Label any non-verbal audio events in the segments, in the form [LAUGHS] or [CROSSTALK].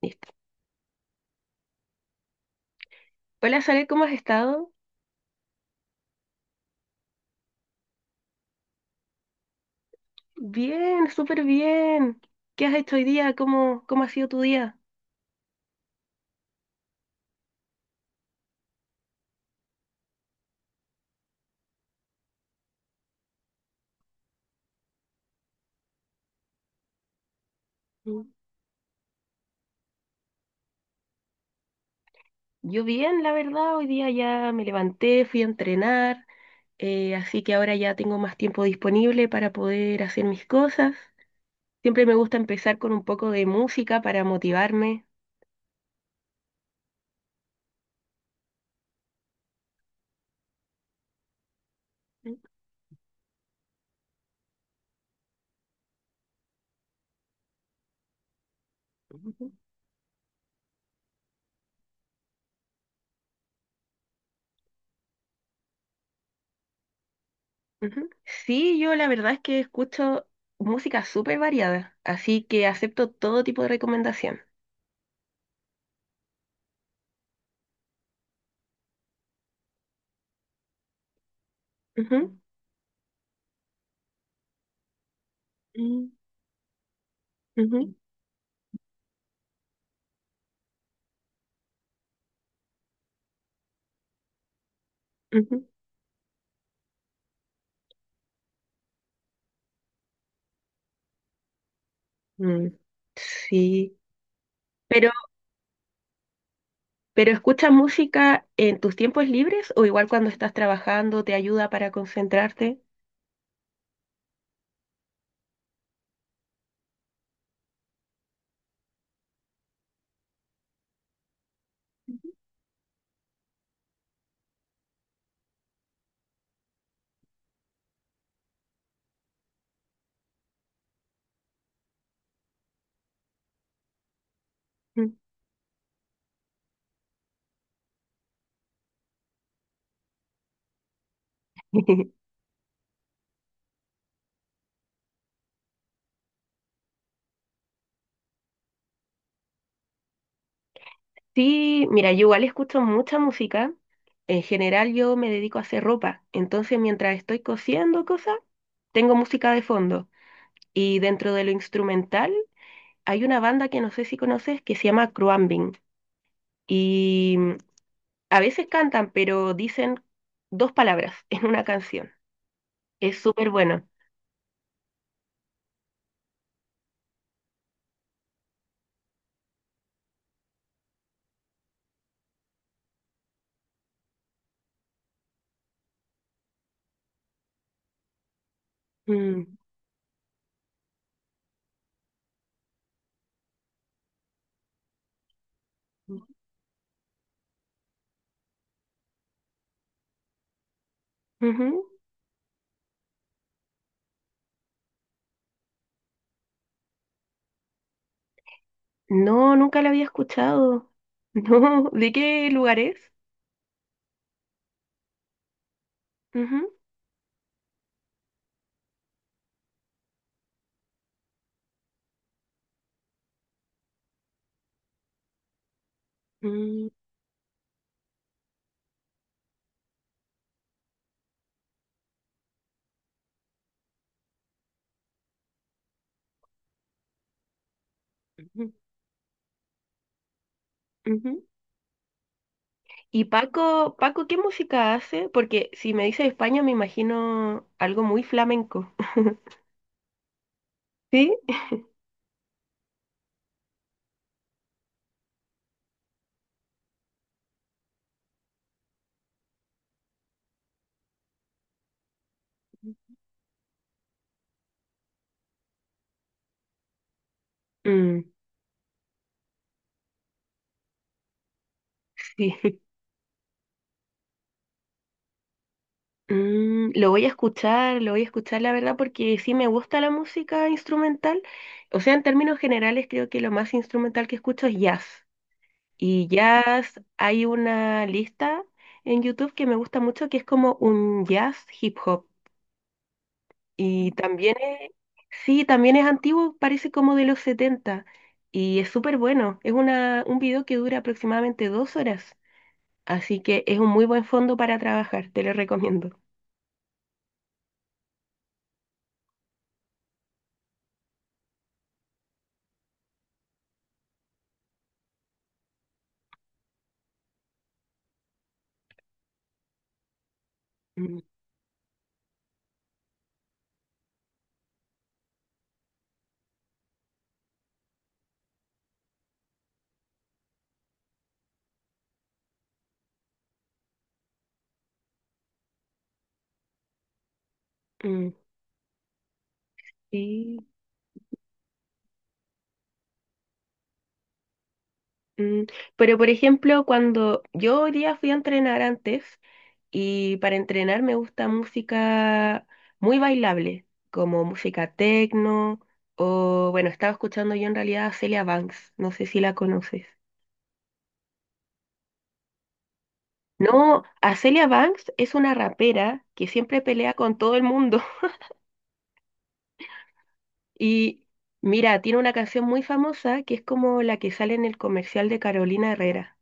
Listo. Hola, Sale, ¿cómo has estado? Bien, súper bien. ¿Qué has hecho hoy día? ¿Cómo ha sido tu día? Mm. Yo bien, la verdad, hoy día ya me levanté, fui a entrenar, así que ahora ya tengo más tiempo disponible para poder hacer mis cosas. Siempre me gusta empezar con un poco de música para motivarme. Ujú. Ujú. Sí, yo la verdad es que escucho música súper variada, así que acepto todo tipo de recomendación. Ujú. Mm, ujú, ujú. Mm, sí, pero, pero ¿escuchas música en tus tiempos libres o igual cuando estás trabajando te ayuda para concentrarte? Mm. [LAUGHS] Sí, mira, yo igual escucho mucha música. En general yo me dedico a hacer ropa, entonces mientras estoy cosiendo cosas, tengo música de fondo. Y dentro de lo instrumental hay una banda que no sé si conoces que se llama Cruambing. Y mm, a veces cantan, pero dicen dos palabras [LAUGHS] en una canción. Es súper bueno. Mm, ujú. No, nunca la había escuchado. [LAUGHS] No, ¿de qué lugar es? Ujú, mm, ujú, ujú. Y Paco, ¿qué música hace? Porque si me dice España, me imagino algo muy flamenco. [LAUGHS] ¿Sí? Mm, sí. Mm, lo voy a escuchar, lo voy a escuchar, la verdad, porque sí me gusta la música instrumental. O sea, en términos generales, creo que lo más instrumental que escucho es jazz. Y jazz, hay una lista en YouTube que me gusta mucho que es como un jazz hip hop. Y también sí, también es antiguo, parece como de los setenta. Y es súper bueno. Es un video que dura aproximadamente dos horas. Así que es un muy buen fondo para trabajar, te lo recomiendo. Mm, mm, sí, mm. Pero por ejemplo, cuando yo hoy día fui a entrenar antes. Y para entrenar me gusta música muy bailable, como música techno o, bueno, estaba escuchando yo en realidad a Celia Banks, no sé si la conoces. No, a Celia Banks es una rapera que siempre pelea con todo el mundo. Y mira, tiene una canción muy famosa que es como la que sale en el comercial de Carolina Herrera,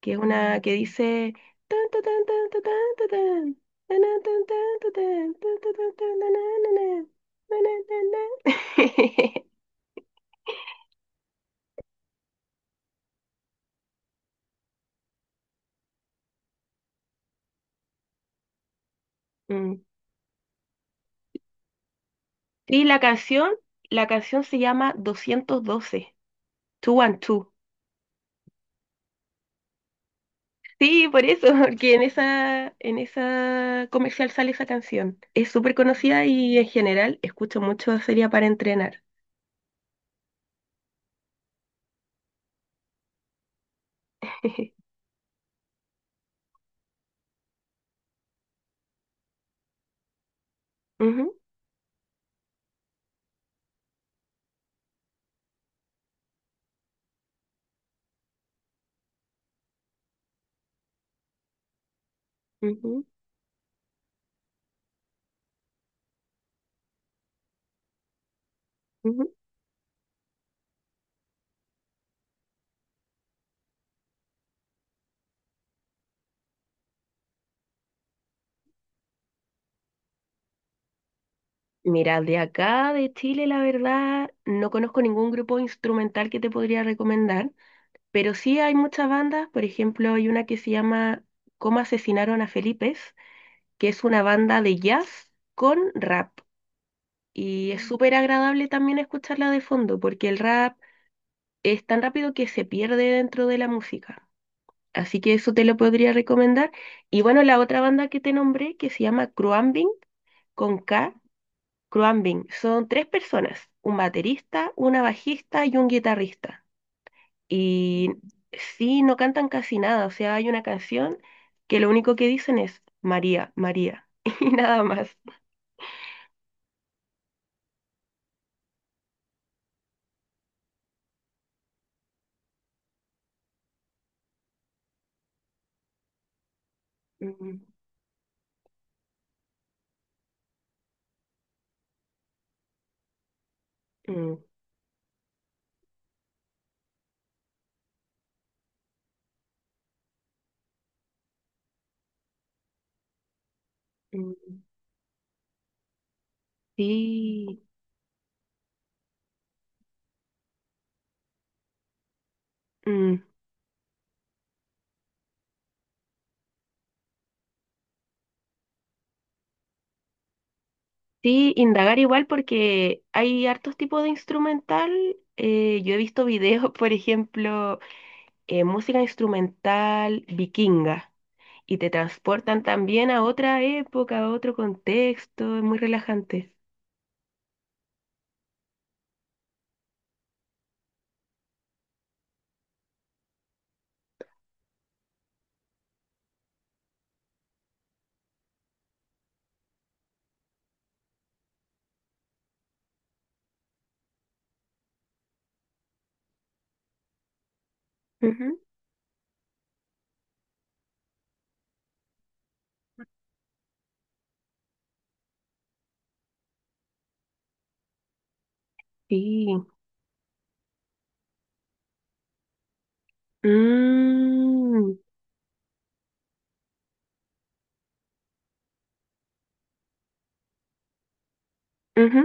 que es una que dice... "Tan, tan, tan, tan, tan, tan, tan, tan, tan, tan, tan, tan, tan, tan, tan, tan, tan, tan, tan, tan, tan". [LAUGHS] Mm. Sí, la canción se llama 212, 212. Sí, por eso, [LAUGHS] porque en en esa comercial sale esa canción. Es súper conocida y en general escucho mucho Sería para entrenar. [LAUGHS] Ujú, ujú, ujú. Mira, de acá, de Chile, la verdad, no conozco ningún grupo instrumental que te podría recomendar, pero sí hay muchas bandas, por ejemplo, hay una que se llama Cómo asesinaron a Felipe, que es una banda de jazz con rap. Y es súper agradable también escucharla de fondo, porque el rap es tan rápido que se pierde dentro de la música. Así que eso te lo podría recomendar. Y bueno, la otra banda que te nombré, que se llama Cruambing, con K, Cruambing, son tres personas, un baterista, una bajista y un guitarrista. Y sí, no cantan casi nada, o sea, hay una canción que lo único que dicen es María, María, [LAUGHS] y nada más. Mm, mm. Mm, sí, mm, sí, indagar igual porque hay hartos tipos de instrumental. Yo he visto videos, [LAUGHS] por ejemplo, música instrumental vikinga y te transportan también a otra época, a otro contexto, es muy relajante. Ujú, sí. Mm, ujú,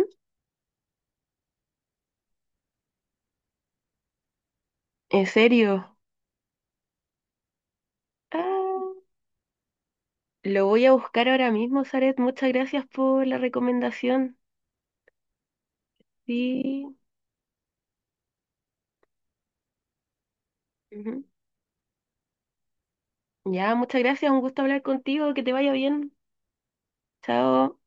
¿en serio? Ah, lo voy a buscar ahora mismo, Saret. Muchas gracias por la recomendación. Sí. Ujú. Ya, muchas gracias, un gusto hablar contigo, que te vaya bien. Chao.